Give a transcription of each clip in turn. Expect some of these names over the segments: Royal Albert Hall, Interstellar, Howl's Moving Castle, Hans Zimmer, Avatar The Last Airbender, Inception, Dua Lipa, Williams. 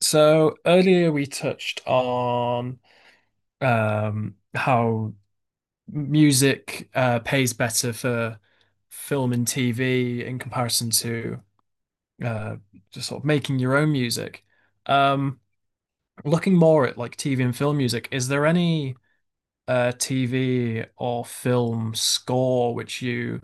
So earlier we touched on how music pays better for film and TV in comparison to uh, just sort of making your own music. Um, Looking more at like TV and film music, is there any TV or film score which you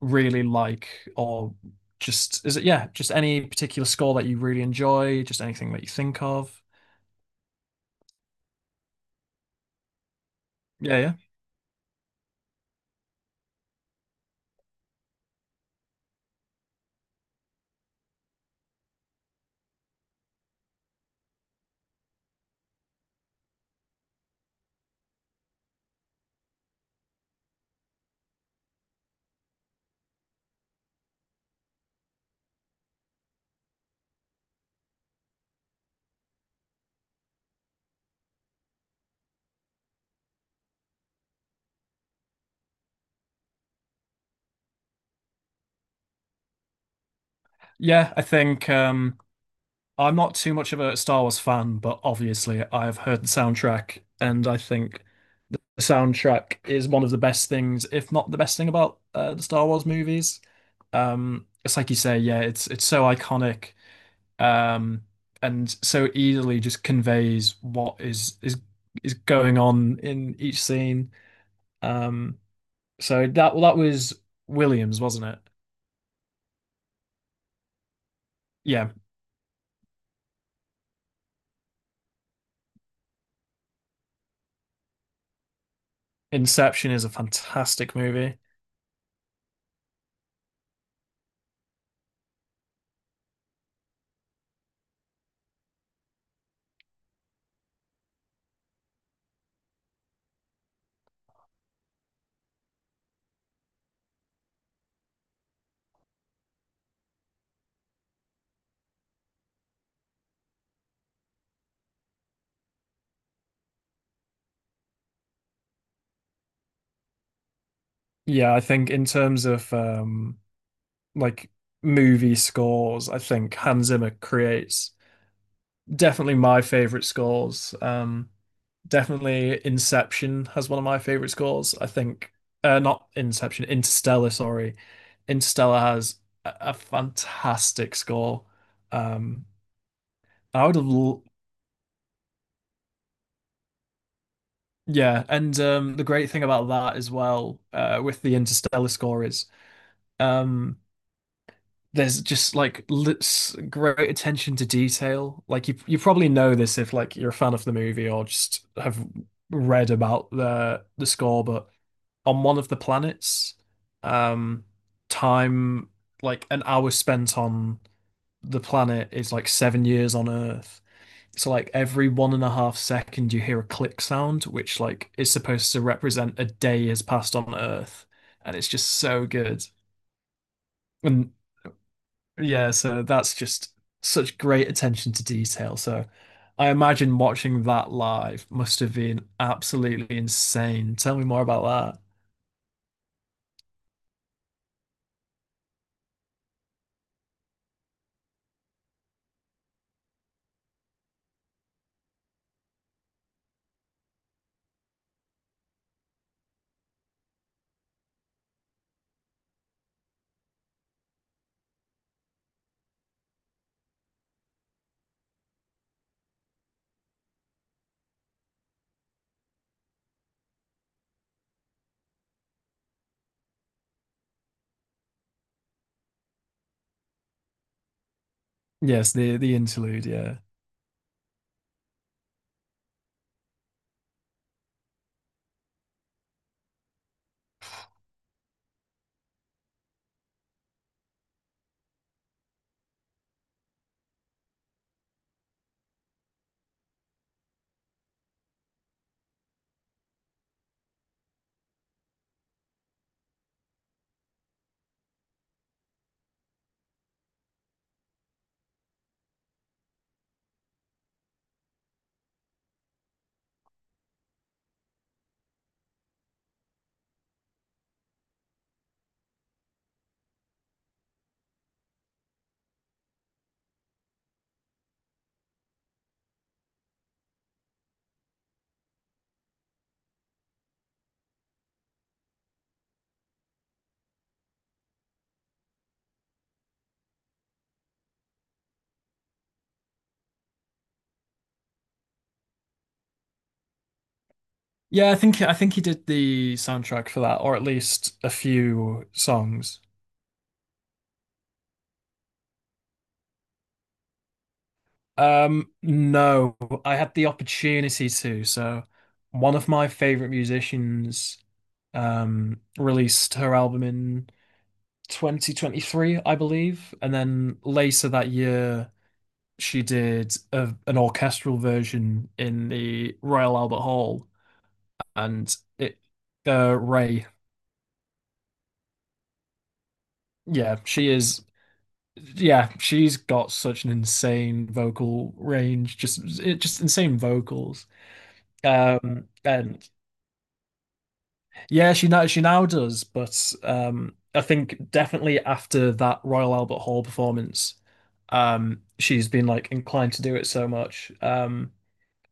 really like, or just is it yeah, just any particular score that you really enjoy, just anything that you think of? Yeah, yeah. Yeah, I think I'm not too much of a Star Wars fan, but obviously I've heard the soundtrack, and I think the soundtrack is one of the best things, if not the best thing about the Star Wars movies. It's like you say, yeah, it's so iconic, um, and so easily just conveys what is is going on in each scene. Um, so that well, that was Williams, wasn't it? Yeah, Inception is a fantastic movie. Yeah, I think in terms of like movie scores, I think Hans Zimmer creates definitely my favorite scores. Definitely Inception has one of my favorite scores. I think not Inception, Interstellar, sorry. Interstellar has a fantastic score. Um I would have l Yeah, and the great thing about that as well with the Interstellar score is um there's just like li- great attention to detail. Like you probably know this if like you're a fan of the movie or just have read about the score. But on one of the planets, um, time like an hour spent on the planet is like 7 years on Earth. So like every one and a half second you hear a click sound, which like is supposed to represent a day has passed on Earth, and it's just so good. And yeah, so that's just such great attention to detail. So I imagine watching that live must have been absolutely insane. Tell me more about that. Yes, the interlude, yeah. Yeah, I think he did the soundtrack for that, or at least a few songs. No, I had the opportunity to. So one of my favorite musicians released her album in 2023, I believe. And then later that year, she did an orchestral version in the Royal Albert Hall. And it, Ray, yeah, she is, yeah, she's got such an insane vocal range, just, it, just insane vocals. And yeah, she now does, but I think definitely after that Royal Albert Hall performance, she's been like inclined to do it so much.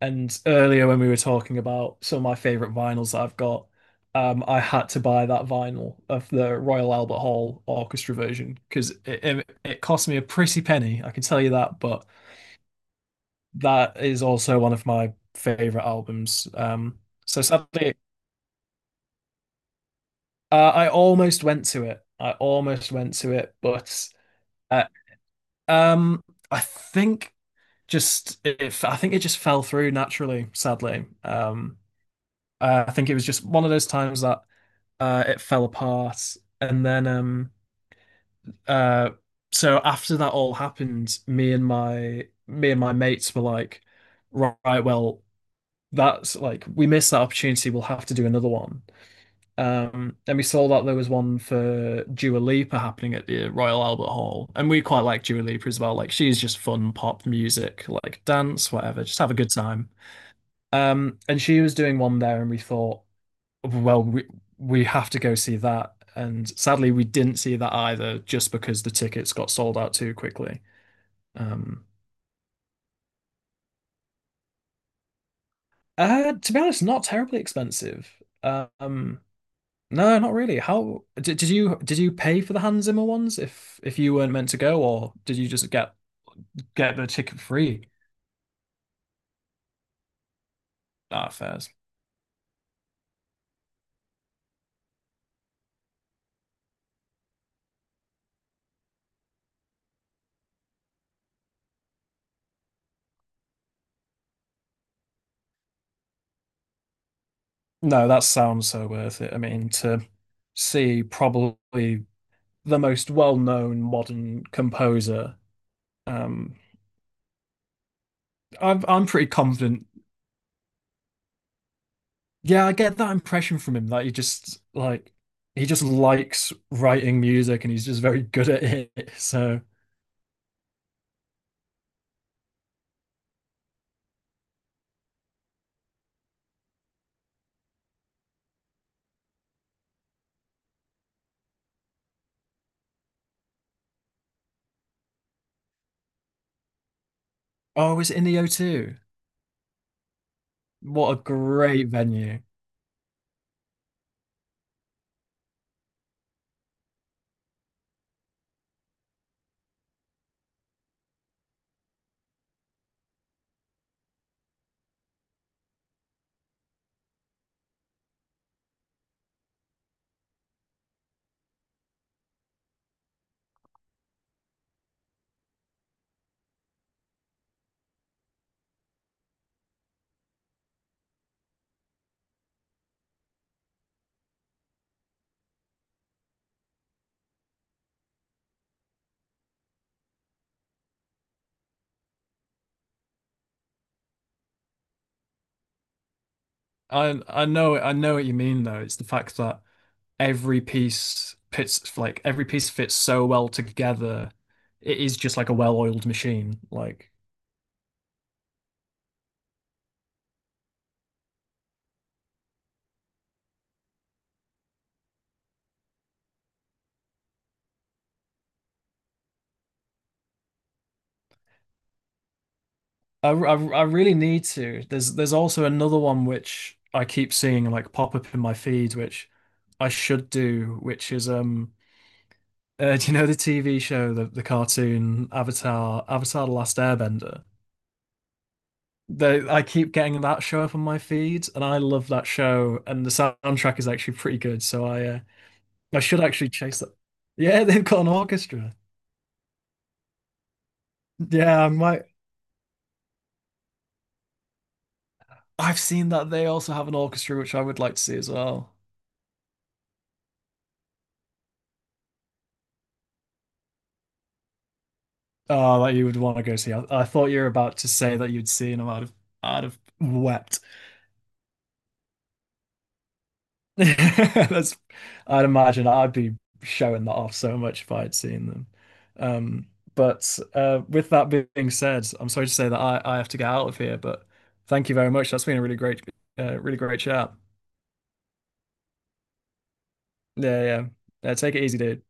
And earlier when we were talking about some of my favorite vinyls that I've got, I had to buy that vinyl of the Royal Albert Hall orchestra version because it cost me a pretty penny, I can tell you that. But that is also one of my favorite albums. So sadly, uh, I almost went to it. I almost went to it, but uh, um, I think just if I think it just fell through naturally, sadly. I think it was just one of those times that it fell apart, and then uh, so after that all happened, me and my mates were like, right, well, that's like we missed that opportunity. We'll have to do another one. And we saw that there was one for Dua Lipa happening at the Royal Albert Hall, and we quite like Dua Lipa as well. Like she's just fun pop music, like dance, whatever, just have a good time. And she was doing one there, and we thought, well, we have to go see that. And sadly, we didn't see that either, just because the tickets got sold out too quickly. Um, to be honest, not terribly expensive. Um, No, not really. How did you pay for the Hans Zimmer ones if you weren't meant to go, or did you just get the ticket free? Ah, fairs? No, that sounds so worth it. I mean, to see probably the most well-known modern composer. Um, I'm pretty confident. Yeah, I get that impression from him that he just like he just likes writing music and he's just very good at it. So, oh, is it in the O2? What a great venue. I, know I know what you mean though. It's the fact that every piece fits like every piece fits so well together. It is just like a well-oiled machine. Like I really need to. There's also another one which I keep seeing like pop up in my feed, which I should do, which is do you know the TV show the cartoon Avatar Avatar The Last Airbender? They, I keep getting that show up on my feed, and I love that show. And the soundtrack is actually pretty good, so I should actually chase that. Yeah, they've got an orchestra. Yeah, I might. I've seen that they also have an orchestra, which I would like to see as well. Oh, that you would want to go see. I thought you were about to say that you'd seen them. I'd have wept. That's, I'd imagine I'd be showing that off so much if I'd seen them. Um, but with that being said, I'm sorry to say that I have to get out of here, but thank you very much. That's been a really great, really great chat. Yeah, yeah. Yeah, take it easy, dude.